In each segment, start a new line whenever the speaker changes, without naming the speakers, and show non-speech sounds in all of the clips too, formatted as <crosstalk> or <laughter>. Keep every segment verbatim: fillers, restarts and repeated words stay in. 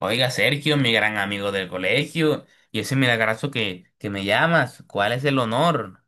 Oiga, Sergio, mi gran amigo del colegio, y ese milagroso que, que me llamas, ¿cuál es el honor?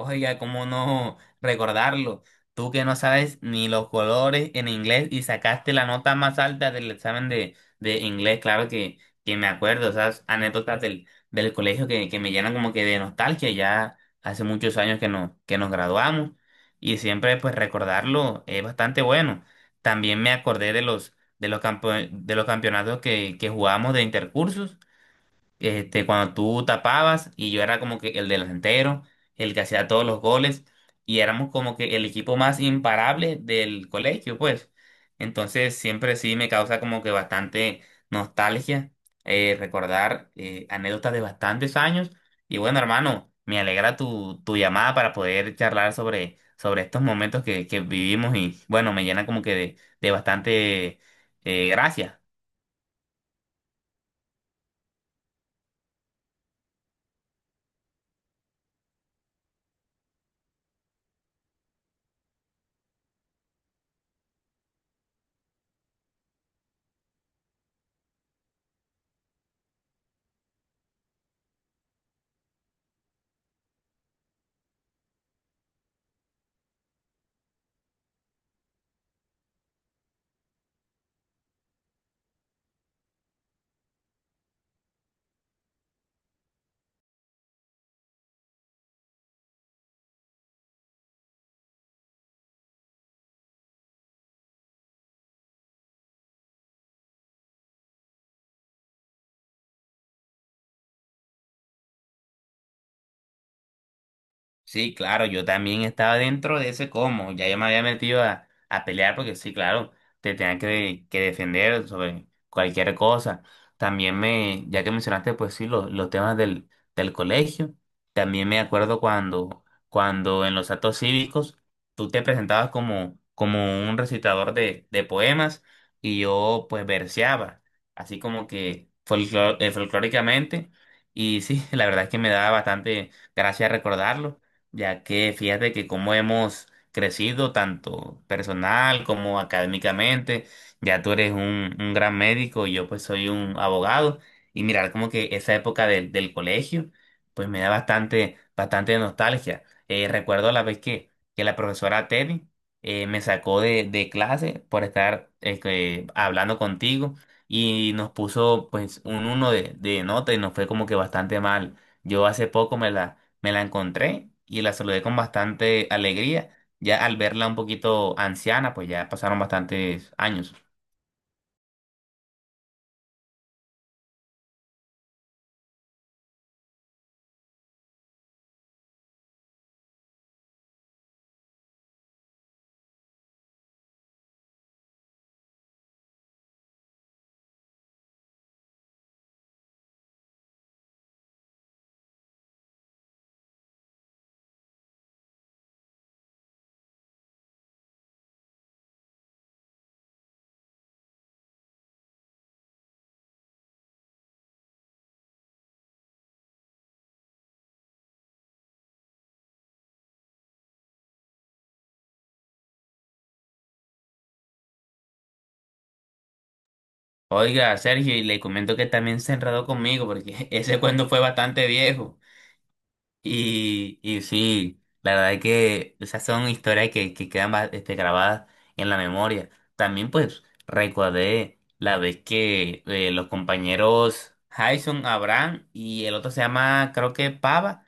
Oiga, ¿cómo no recordarlo? Tú que no sabes ni los colores en inglés y sacaste la nota más alta del examen de, de inglés, claro que, que me acuerdo, esas anécdotas del, del colegio que, que me llenan como que de nostalgia, ya hace muchos años que, no, que nos graduamos y siempre pues recordarlo es bastante bueno. También me acordé de los, de los, campo- de los campeonatos que, que jugábamos de intercursos este, cuando tú tapabas y yo era como que el delantero, el que hacía todos los goles y éramos como que el equipo más imparable del colegio, pues. Entonces siempre sí me causa como que bastante nostalgia, eh, recordar eh, anécdotas de bastantes años. Y bueno, hermano, me alegra tu, tu llamada para poder charlar sobre, sobre estos momentos que, que vivimos y bueno, me llena como que de, de bastante eh, gracia. Sí, claro, yo también estaba dentro de ese como, ya yo me había metido a, a pelear porque sí, claro, te tenían que, que defender sobre cualquier cosa. También me, ya que mencionaste, pues sí, los, los temas del, del colegio, también me acuerdo cuando, cuando en los actos cívicos tú te presentabas como, como un recitador de, de poemas y yo pues verseaba, así como que folclor- eh, folclóricamente, y sí, <laughs> la verdad es que me daba bastante gracia recordarlo ya que fíjate que como hemos crecido tanto personal como académicamente, ya tú eres un, un gran médico y yo pues soy un abogado, y mirar como que esa época del, del colegio, pues me da bastante, bastante nostalgia. Eh, recuerdo la vez que, que la profesora Teddy eh, me sacó de, de clase por estar eh, que- hablando contigo y nos puso pues un uno de, de nota y nos fue como que bastante mal. Yo hace poco me la me la encontré y la saludé con bastante alegría. Ya al verla un poquito anciana, pues ya pasaron bastantes años. Oiga, Sergio, y le comento que también se enredó conmigo porque <laughs> ese cuento fue bastante viejo. Y, y sí, la verdad es que esas son historias que, que quedan ba- este, grabadas en la memoria. También pues recordé la vez que eh, los compañeros Jason, Abraham y el otro se llama creo que Pava,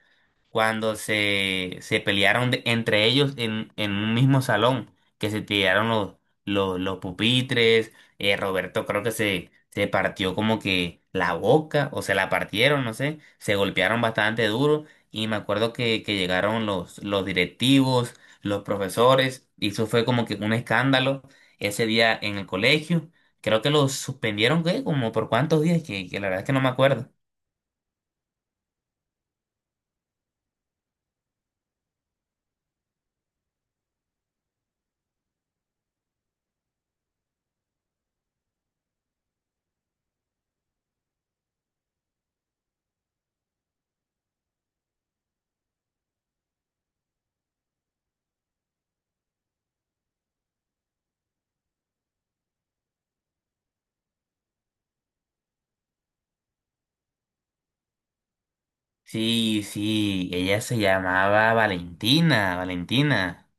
cuando se, se pelearon de- entre ellos en, en un mismo salón, que se tiraron los, los, los pupitres, eh, Roberto creo que se, se partió como que la boca o se la partieron, no sé, se golpearon bastante duro. Y me acuerdo que, que llegaron los, los directivos, los profesores, y eso fue como que un escándalo ese día en el colegio. Creo que los suspendieron, ¿qué? Como por cuántos días, que, que la verdad es que no me acuerdo. Sí, sí, ella se llamaba Valentina, Valentina.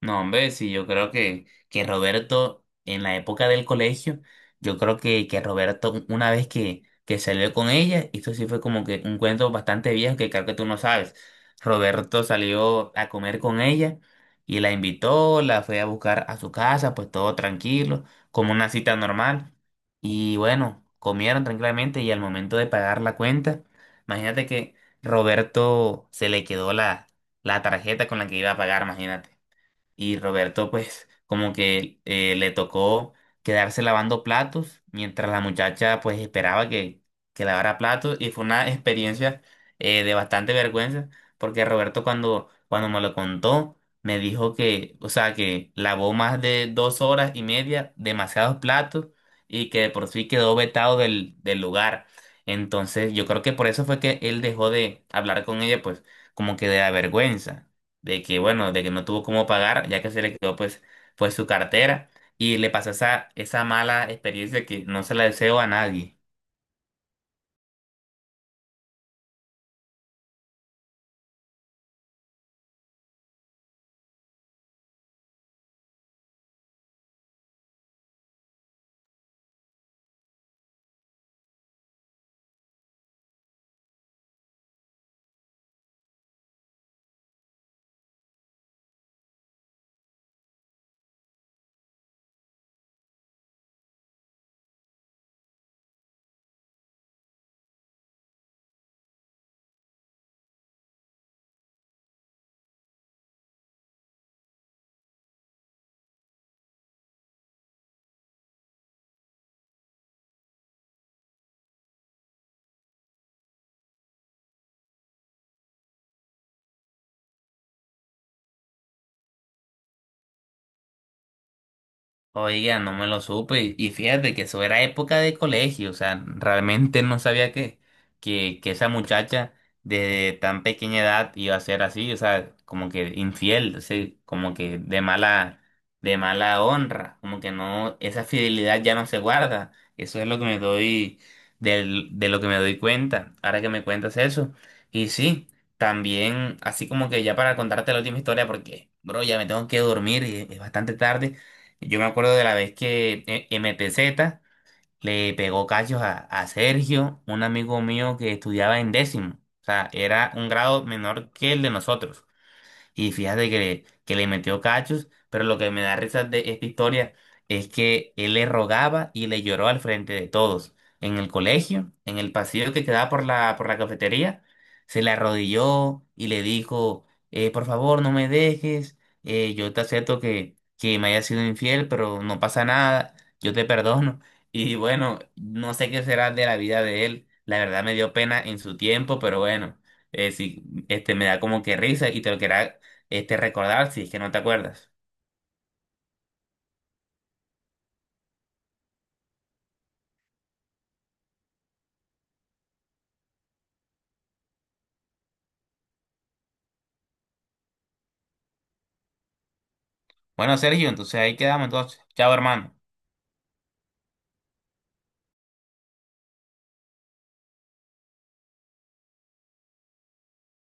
No, hombre, sí, yo creo que, que Roberto, en la época del colegio, yo creo que, que Roberto, una vez que, que salió con ella, esto sí fue como que un cuento bastante viejo que creo que tú no sabes. Roberto salió a comer con ella y la invitó, la fue a buscar a su casa, pues todo tranquilo, como una cita normal. Y bueno, comieron tranquilamente y al momento de pagar la cuenta, imagínate que Roberto se le quedó la, la tarjeta con la que iba a pagar, imagínate y Roberto pues como que eh, le tocó quedarse lavando platos mientras la muchacha pues esperaba que, que lavara platos y fue una experiencia eh, de bastante vergüenza porque Roberto cuando, cuando me lo contó me dijo que, o sea, que lavó más de dos horas y media demasiados platos y que de por sí quedó vetado del, del lugar. Entonces yo creo que por eso fue que él dejó de hablar con ella pues como que de la vergüenza de que bueno, de que no tuvo cómo pagar, ya que se le quedó pues, pues su cartera y le pasó esa, esa mala experiencia que no se la deseo a nadie. Oiga, no me lo supe. Y y fíjate que eso era época de colegio. O sea, realmente no sabía que, que, que esa muchacha de tan pequeña edad iba a ser así. O sea, como que infiel, sí, como que de mala, de mala honra. Como que no, esa fidelidad ya no se guarda. Eso es lo que me doy, del, de lo que me doy cuenta. Ahora que me cuentas eso. Y sí, también, así como que ya para contarte la última historia, porque, bro, ya me tengo que dormir y es bastante tarde. Yo me acuerdo de la vez que eh, M P Z le pegó cachos a, a Sergio, un amigo mío que estudiaba en décimo. O sea, era un grado menor que el de nosotros y fíjate que le, que le metió cachos, pero lo que me da risa de esta historia es que él le rogaba y le lloró al frente de todos. En el colegio, en el pasillo que quedaba por la, por la cafetería, se le arrodilló y le dijo, eh, por favor, no me dejes, eh, yo te acepto que, que me haya sido infiel, pero no pasa nada, yo te perdono. <laughs> Y bueno, no sé qué será de la vida de él. La verdad me dio pena en su tiempo, pero bueno, eh, sí, este, me da como que risa y te lo quería este, recordar si es que no te acuerdas. Bueno, Sergio, entonces ahí quedamos entonces. Chao, hermano.